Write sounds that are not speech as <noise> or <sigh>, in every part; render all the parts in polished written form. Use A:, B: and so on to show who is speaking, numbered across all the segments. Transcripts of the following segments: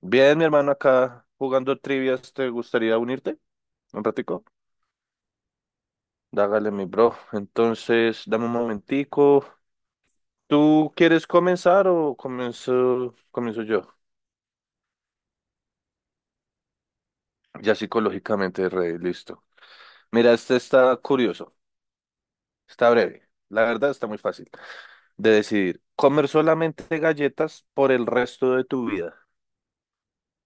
A: Bien, mi hermano, acá jugando trivias, ¿te gustaría unirte? ¿Un ratico? Dágale, mi bro. Entonces, dame un momentico. ¿Tú quieres comenzar o comienzo yo? Ya psicológicamente re listo. Mira, este está curioso, está breve. La verdad está muy fácil de decidir. ¿Comer solamente galletas por el resto de tu vida?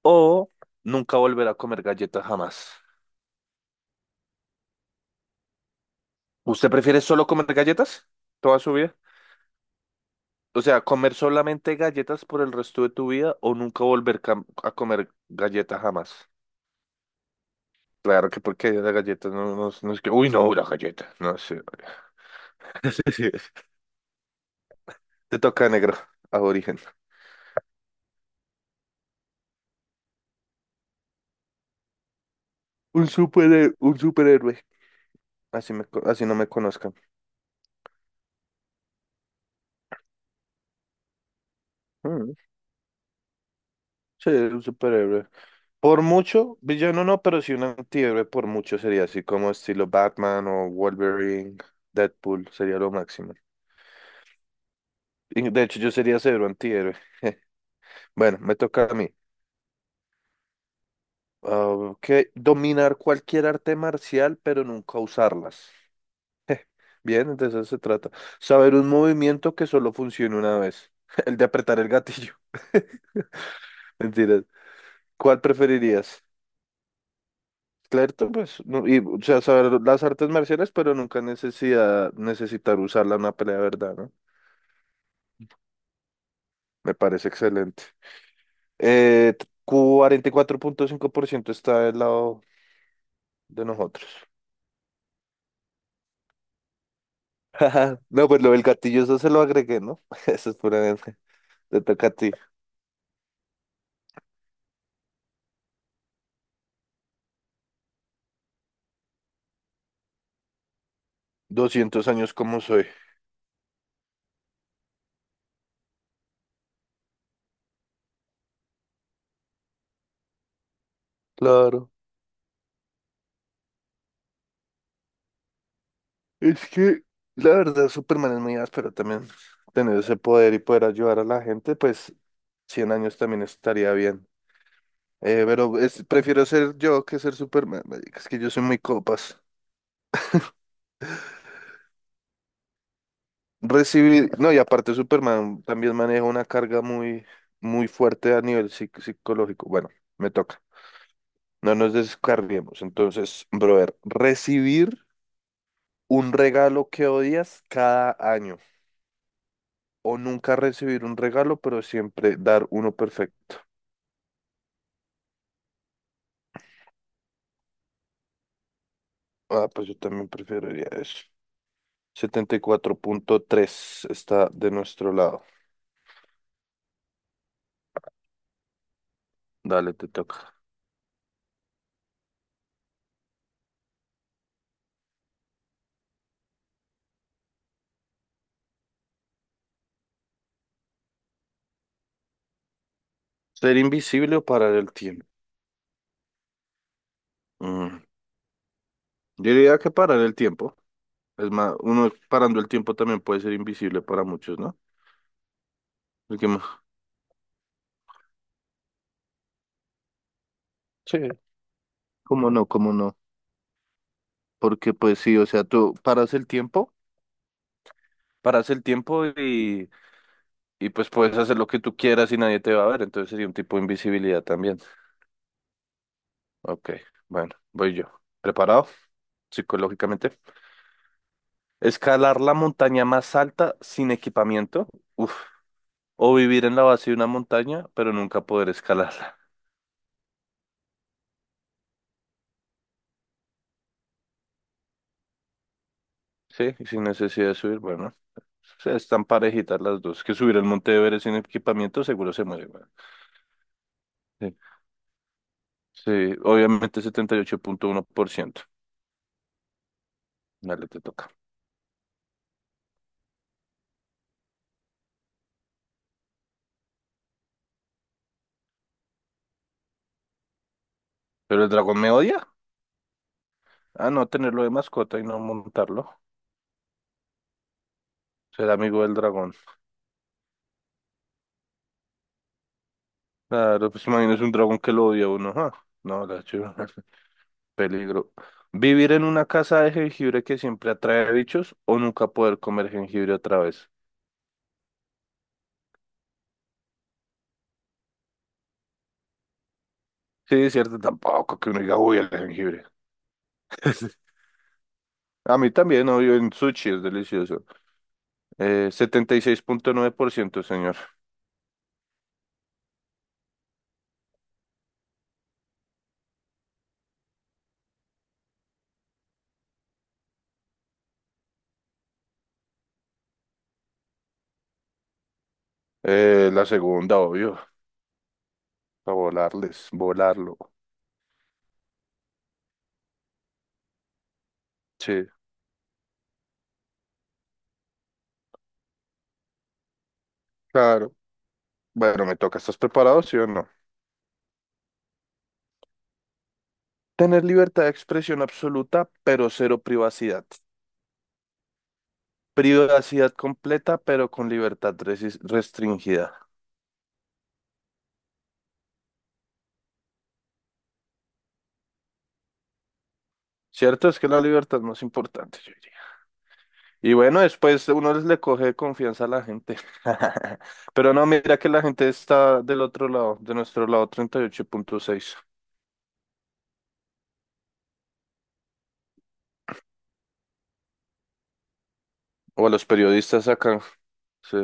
A: ¿O nunca volver a comer galletas jamás? ¿Usted prefiere solo comer galletas toda su vida? O sea, comer solamente galletas por el resto de tu vida o nunca volver a comer galletas jamás. Claro que porque la galleta no, no, no es que... Uy, no, la galleta. No sé. <laughs> Sí. Te toca negro, aborigen. Un superhéroe. Así, así no me conozcan. Mm, sí, un superhéroe. Por mucho, villano no, pero sí un antihéroe por mucho sería así como estilo Batman o Wolverine, Deadpool, sería lo máximo. De hecho, yo sería cero antihéroe. <laughs> Bueno, me toca a mí. Ah, que dominar cualquier arte marcial, pero nunca usarlas. <laughs> Eh, bien, entonces eso se trata. Saber un movimiento que solo funcione una vez. <laughs> El de apretar el gatillo. <laughs> Mentiras. ¿Cuál preferirías? Claro, pues, no, y, o sea, saber las artes marciales, pero nunca necesitar usarla en una pelea de verdad, ¿no? Me parece excelente. Eh, 44,5% está del lado de nosotros. <laughs> No, pues lo del gatillo, eso se lo agregué, ¿no? <laughs> Eso es puramente. Te toca a ti. 200 años como soy. Claro. Es que la verdad Superman es muy áspero también. Tener ese poder y poder ayudar a la gente, pues 100 años también estaría bien. Pero prefiero ser yo que ser Superman. Marica, es que yo soy muy copas. Recibir, no, y aparte Superman también maneja una carga muy, muy fuerte a nivel psicológico. Bueno, me toca. No nos descarguemos. Entonces, brother, recibir un regalo que odias cada año. O nunca recibir un regalo, pero siempre dar uno perfecto. Ah, pues yo también preferiría eso. 74,3 está de nuestro lado. Dale, te toca. ¿Ser invisible o parar el tiempo? Mm, Yo diría que parar el tiempo. Es más, uno parando el tiempo también puede ser invisible para muchos, ¿no? El que más- Sí. ¿Cómo no? ¿Cómo no? Porque pues sí, o sea, tú paras el tiempo, paras el tiempo y, y pues puedes hacer lo que tú quieras y nadie te va a ver, entonces sería un tipo de invisibilidad también. Ok, bueno, voy yo. ¿Preparado? Psicológicamente. Escalar la montaña más alta sin equipamiento. Uf. O vivir en la base de una montaña, pero nunca poder escalarla. Sí, y sin necesidad de subir. Bueno, o sea, están parejitas las dos. Que subir el Monte Everest sin equipamiento seguro se muere, weón. Sí, sí, obviamente 78,1%. Dale, te toca. ¿Pero el dragón me odia? Ah, no, tenerlo de mascota y no montarlo. Ser amigo del dragón. Claro, pues imagínese un dragón que lo odia a uno. No, la chuva. <laughs> Peligro. Vivir en una casa de jengibre que siempre atrae bichos o nunca poder comer jengibre otra vez. Sí, es cierto, tampoco que uno diga, uy, el jengibre. <laughs> A mí también, obvio, en sushi es delicioso. 76,9%, señor. La segunda, obvio. A volarles, volarlo. Sí, claro. Bueno, me toca. ¿Estás preparado, sí o no? Tener libertad de expresión absoluta, pero cero privacidad. Privacidad completa, pero con libertad restringida. ¿Cierto? Es que la libertad no es más importante, yo diría. Y bueno, después uno les le coge confianza a la gente. <laughs> Pero no, mira que la gente está del otro lado, de nuestro lado 38,6. O a los periodistas acá. Sí.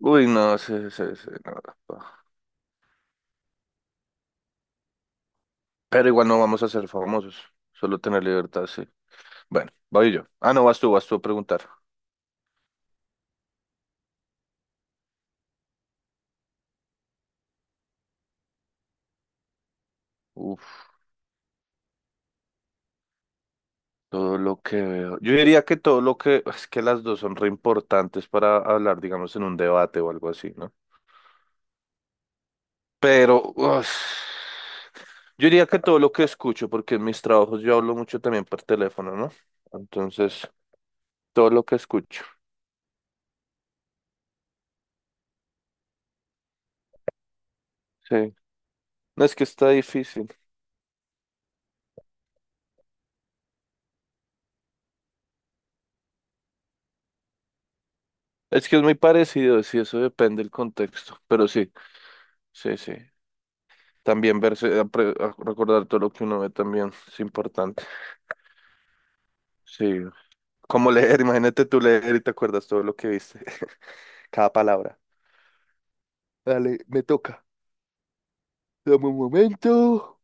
A: Uy, no, sí, sí, sí, no. Pa. Pero igual no vamos a ser famosos. Solo tener libertad, sí. Bueno, voy yo. Ah, no, vas tú a preguntar. Todo lo que veo. Yo diría que todo lo que... Es que las dos son re importantes para hablar, digamos, en un debate o algo así, ¿no? Pero... yo diría que todo lo que escucho, porque en mis trabajos yo hablo mucho también por teléfono, ¿no? Entonces, todo lo que escucho. Sí. No es que está difícil. Es que es muy parecido, sí, eso depende del contexto. Pero sí, sí, sí. También verse, recordar todo lo que uno ve también es importante. Sí. Como leer, <laughs> imagínate tú leer y te acuerdas todo lo que viste, cada palabra. Dale, me toca. Dame un momento.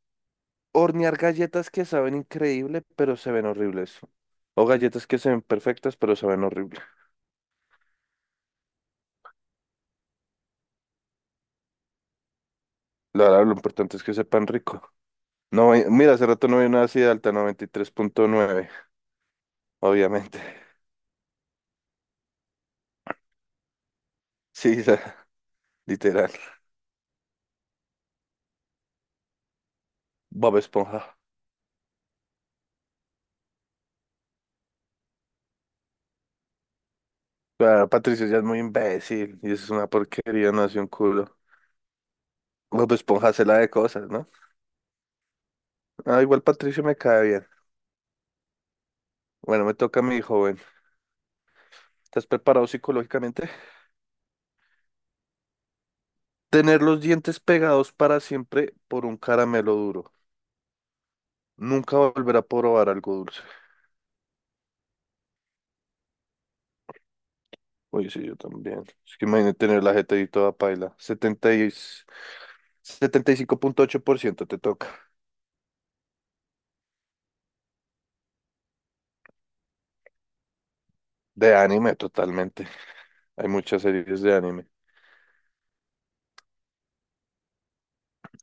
A: Hornear galletas que saben increíble, pero se ven horribles. O galletas que se ven perfectas, pero se ven horribles. La verdad, lo importante es que sepan rico. No, mira, hace rato no vi una así de alta, 93,9 obviamente. <laughs> Sí, literal. Bob Esponja. Claro, Patricio ya es muy imbécil y eso es una porquería, no hace un culo. Bob Esponja se la de cosas, ¿no? Ah, igual Patricio me cae bien. Bueno, me toca a mi joven. ¿Estás preparado psicológicamente? Tener los dientes pegados para siempre por un caramelo duro. Nunca volver a probar algo dulce. Oye, sí, yo también. Es que imagínate tener la jeta ahí toda paila. 75,8%, te toca. De anime, totalmente. Hay muchas series de anime.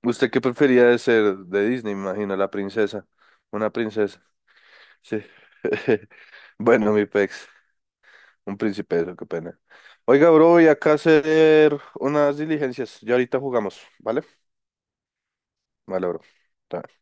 A: ¿Usted qué prefería de ser de Disney? Me imagino, la princesa. Una princesa. Sí. <laughs> Bueno, mi pex. Un príncipe, eso, qué pena. Oiga, bro, voy acá a hacer unas diligencias. Ya ahorita jugamos, ¿vale? Vale, bro. Chao.